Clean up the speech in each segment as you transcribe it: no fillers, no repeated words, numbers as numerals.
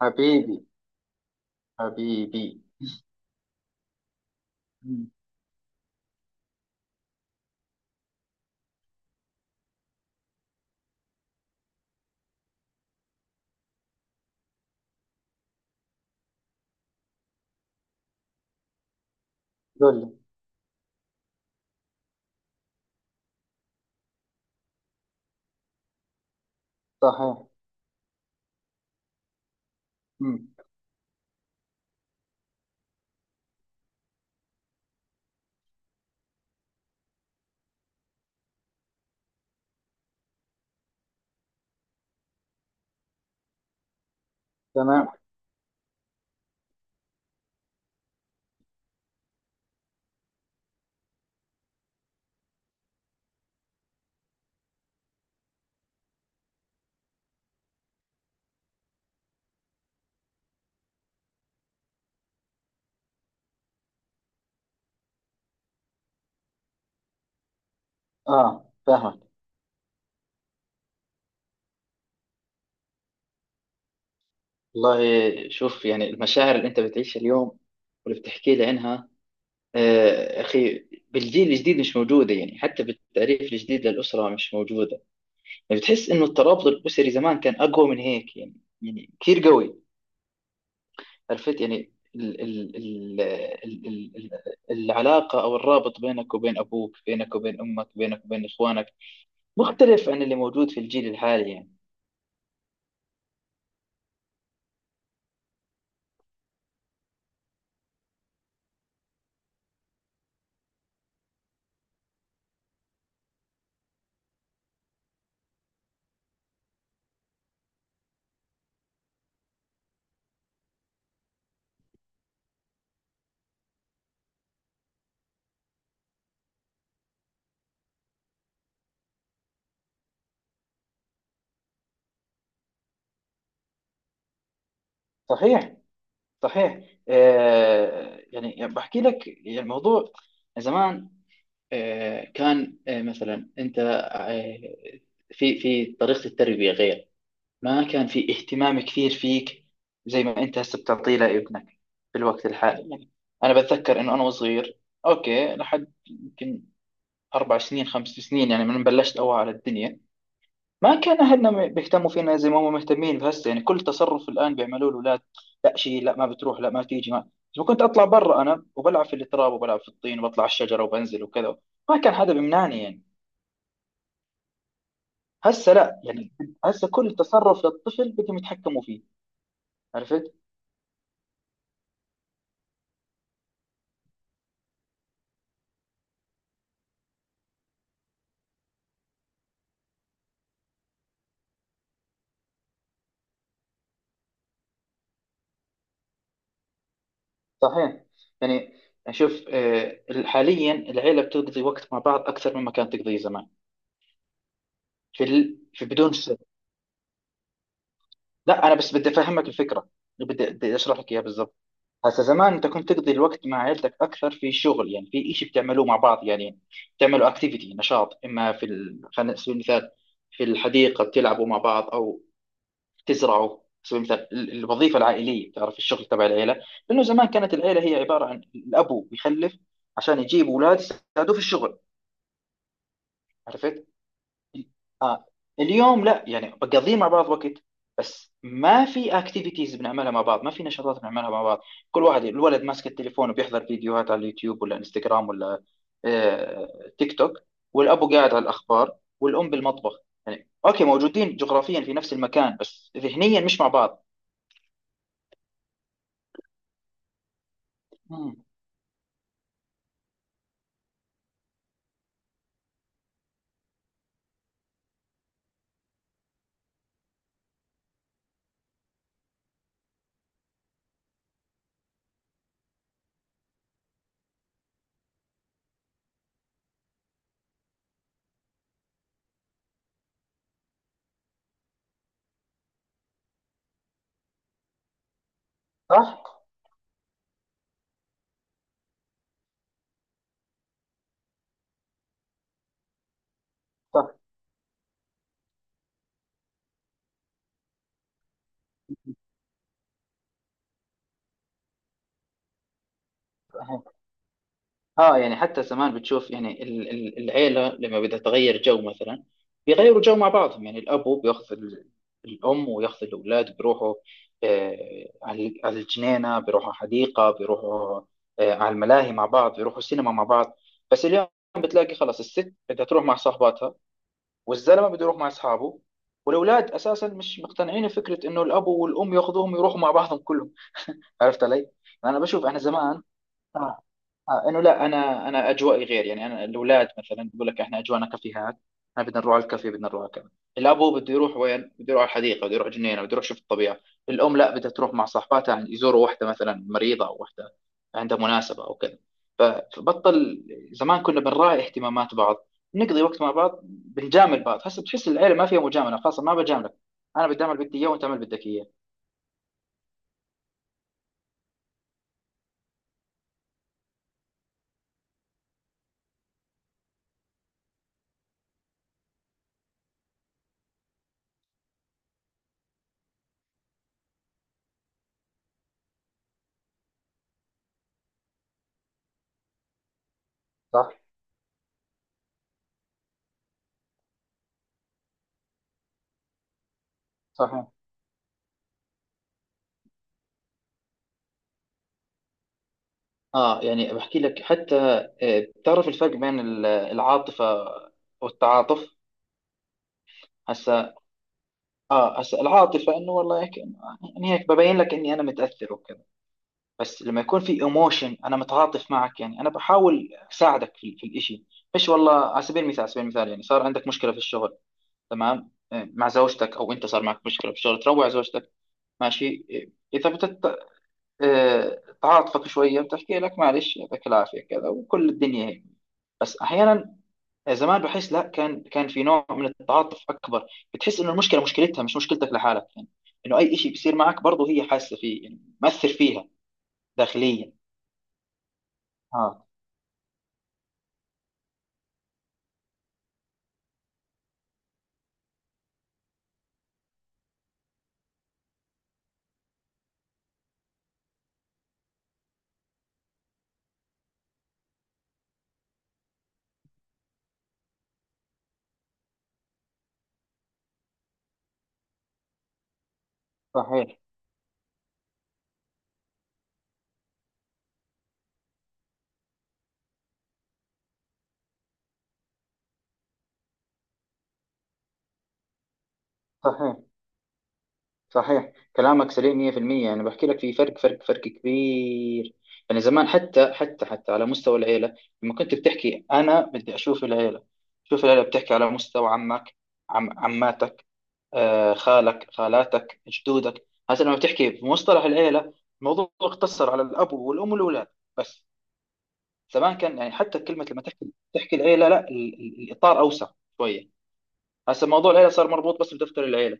حبيبي حبيبي، مم. قول لي. صحيح. مم. تمام. اه، فاهمك. والله شوف، يعني المشاعر اللي انت بتعيشها اليوم واللي بتحكي لي عنها. اخي، بالجيل الجديد مش موجوده، يعني حتى بالتعريف الجديد للاسره مش موجوده. يعني بتحس انه الترابط الاسري زمان كان اقوى من هيك يعني كثير قوي. عرفت؟ يعني ال ال ال ال ال العلاقه او الرابط بينك وبين ابوك، بينك وبين امك، بينك وبين اخوانك مختلف عن اللي موجود في الجيل الحالي يعني. صحيح. صحيح. يعني بحكي لك، يعني الموضوع زمان، كان، مثلا انت، في طريقة التربية غير. ما كان في اهتمام كثير فيك، زي ما انت هسه بتعطيه لابنك في الوقت الحالي يعني. انا بتذكر انه انا وصغير، اوكي، لحد يمكن 4 سنين، 5 سنين يعني، من بلشت اوعى على الدنيا. ما كان أهلنا بيهتموا فينا زي ما هم مهتمين بهسه، يعني كل تصرف الآن بيعملوه الأولاد، لا شيء، لا ما بتروح، لا ما تيجي، ما بس كنت أطلع برا، أنا وبلعب في التراب وبلعب في الطين وبطلع على الشجرة وبنزل وكذا. ما كان حدا بيمنعني يعني. هسه لا، يعني هسه كل تصرف للطفل بدهم يتحكموا فيه. عرفت؟ صحيح. يعني شوف، حاليا العيلة بتقضي وقت مع بعض أكثر مما كانت تقضيه زمان، في بدون سبب. لا، أنا بس بدي أفهمك الفكرة، بدي أشرح لك إياها بالضبط. هسا زمان انت كنت تقضي الوقت مع عيلتك اكثر، في شغل يعني، في شيء بتعملوه مع بعض يعني، بتعملوا اكتيفيتي نشاط، اما خلينا نسوي مثال. في الحديقه بتلعبوا مع بعض، او بتزرعوا سوي. مثال الوظيفه العائليه، بتعرف الشغل تبع العيله، لانه زمان كانت العيله هي عباره عن الابو بيخلف عشان يجيب اولاد يساعدوه في الشغل. عرفت؟ اليوم لا يعني، بقضيه مع بعض وقت، بس ما في اكتيفيتيز بنعملها مع بعض، ما في نشاطات بنعملها مع بعض. كل واحد الولد ماسك التليفون، وبيحضر فيديوهات على اليوتيوب ولا انستغرام ولا تيك توك، والابو قاعد على الاخبار والام بالمطبخ، يعني اوكي موجودين جغرافيا في نفس المكان بس ذهنيا مش مع بعض. مم. صح. صح، اه يعني حتى زمان بتشوف يعني العيلة لما بدها تغير جو مثلا، بيغيروا جو مع بعضهم يعني. الأب بياخذ الأم وياخذ الأولاد، بيروحوا على الجنينة، بيروحوا حديقة، بيروحوا على الملاهي مع بعض، بيروحوا السينما مع بعض. بس اليوم بتلاقي خلاص، الست بدها تروح مع صاحباتها، والزلمة بده يروح مع أصحابه، والأولاد أساسا مش مقتنعين بفكرة إنه الأب والأم ياخذوهم يروحوا مع بعضهم كلهم. عرفت علي؟ أنا بشوف أنا زمان. آه، انه لا، انا اجوائي غير يعني. انا الاولاد مثلا بقول لك، احنا اجوانا كافيهات، احنا بدنا نروح على الكافيه، بدنا نروح على كذا. الابو بده يروح وين؟ بده يروح على الحديقه، بده يروح جنينه، بده يروح يشوف الطبيعه. الام لا، بدها تروح مع صاحباتها، يعني يزوروا واحده مثلا مريضه، او واحده عندها مناسبه او كذا. ف- فبطل. زمان كنا بنراعي اهتمامات بعض، نقضي وقت مع بعض، بنجامل بعض. هسه بتحس العيله ما فيها مجامله، خاصه ما بجاملك، انا بدي اعمل بدي اياه وانت اعمل بدك اياه. صح. صح. اه يعني بحكي لك، حتى بتعرف الفرق بين العاطفة والتعاطف؟ هسا اه هسا العاطفة انه والله هيك يعني، هيك ببين لك اني انا متأثر وكذا. بس لما يكون في ايموشن، انا متعاطف معك يعني، انا بحاول اساعدك في الاشي، مش والله. على سبيل المثال يعني صار عندك مشكلة في الشغل، تمام، مع زوجتك، او انت صار معك مشكلة في الشغل، تروع زوجتك ماشي. اذا بتت تعاطفك شوية، بتحكي لك معلش، يعطيك العافية كذا، وكل الدنيا هيك. بس احيانا زمان بحس لا، كان في نوع من التعاطف اكبر. بتحس انه المشكله مشكلتها مش مشكلتك لحالك يعني، انه اي شيء بيصير معك برضه هي حاسه فيه يعني، مأثر فيها داخليا. اه. صحيح. صحيح. صحيح، كلامك سليم 100%، يعني بحكي لك في فرق فرق فرق كبير. يعني زمان حتى على مستوى العيله، لما كنت بتحكي انا بدي اشوف العيله، شوف العيله بتحكي على مستوى عمك، عماتك، خالك خالاتك جدودك. هسه لما بتحكي بمصطلح العيلة، الموضوع اقتصر على الأب والأم والأولاد بس. زمان كان يعني، حتى كلمة لما تحكي تحكي العيلة، لا الإطار أوسع شوية. هسه موضوع العيلة صار مربوط بس بدفتر العيلة،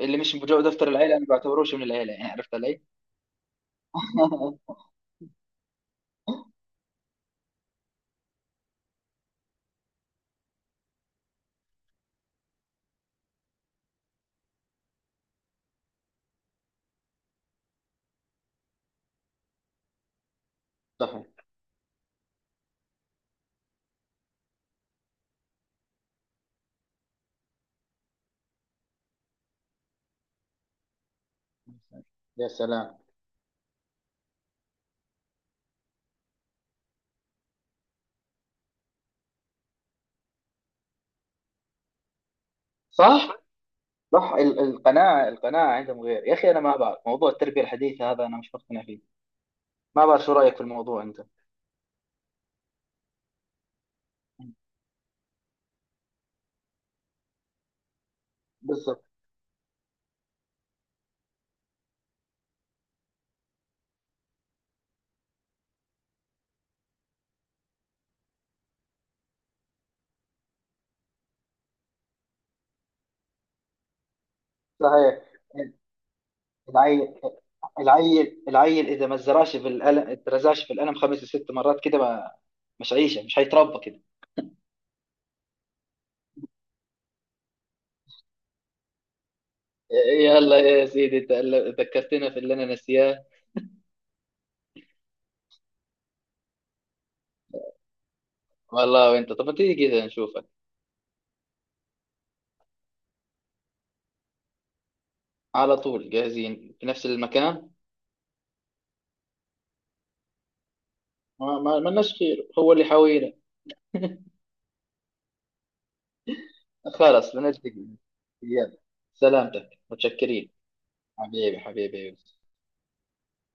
اللي مش بجو دفتر العيلة أنا بعتبروش من العيلة يعني. عرفت علي؟ صحيح. يا سلام. صح. صح، القناعة القناعة عندهم غير يا أخي. أنا ما بعرف موضوع التربية الحديثة هذا، أنا مش مقتنع فيه. ما بعرف، شو رأيك في الموضوع أنت؟ بالضبط. صحيح. العيل العيل اذا ما زرعش في القلم، اترزعش في القلم خمس ست مرات كده، ما مش عيشه، مش هيتربى كده. يلا يا سيدي، انت ذكرتنا في اللي انا ناسياه. والله. وانت، طب ما تيجي كده نشوفك؟ على طول، جاهزين، في نفس المكان. ما لناش خير، هو اللي حاوينا. خلاص بنلتقي. يلا. سلامتك، متشكرين. حبيبي. حبيبي.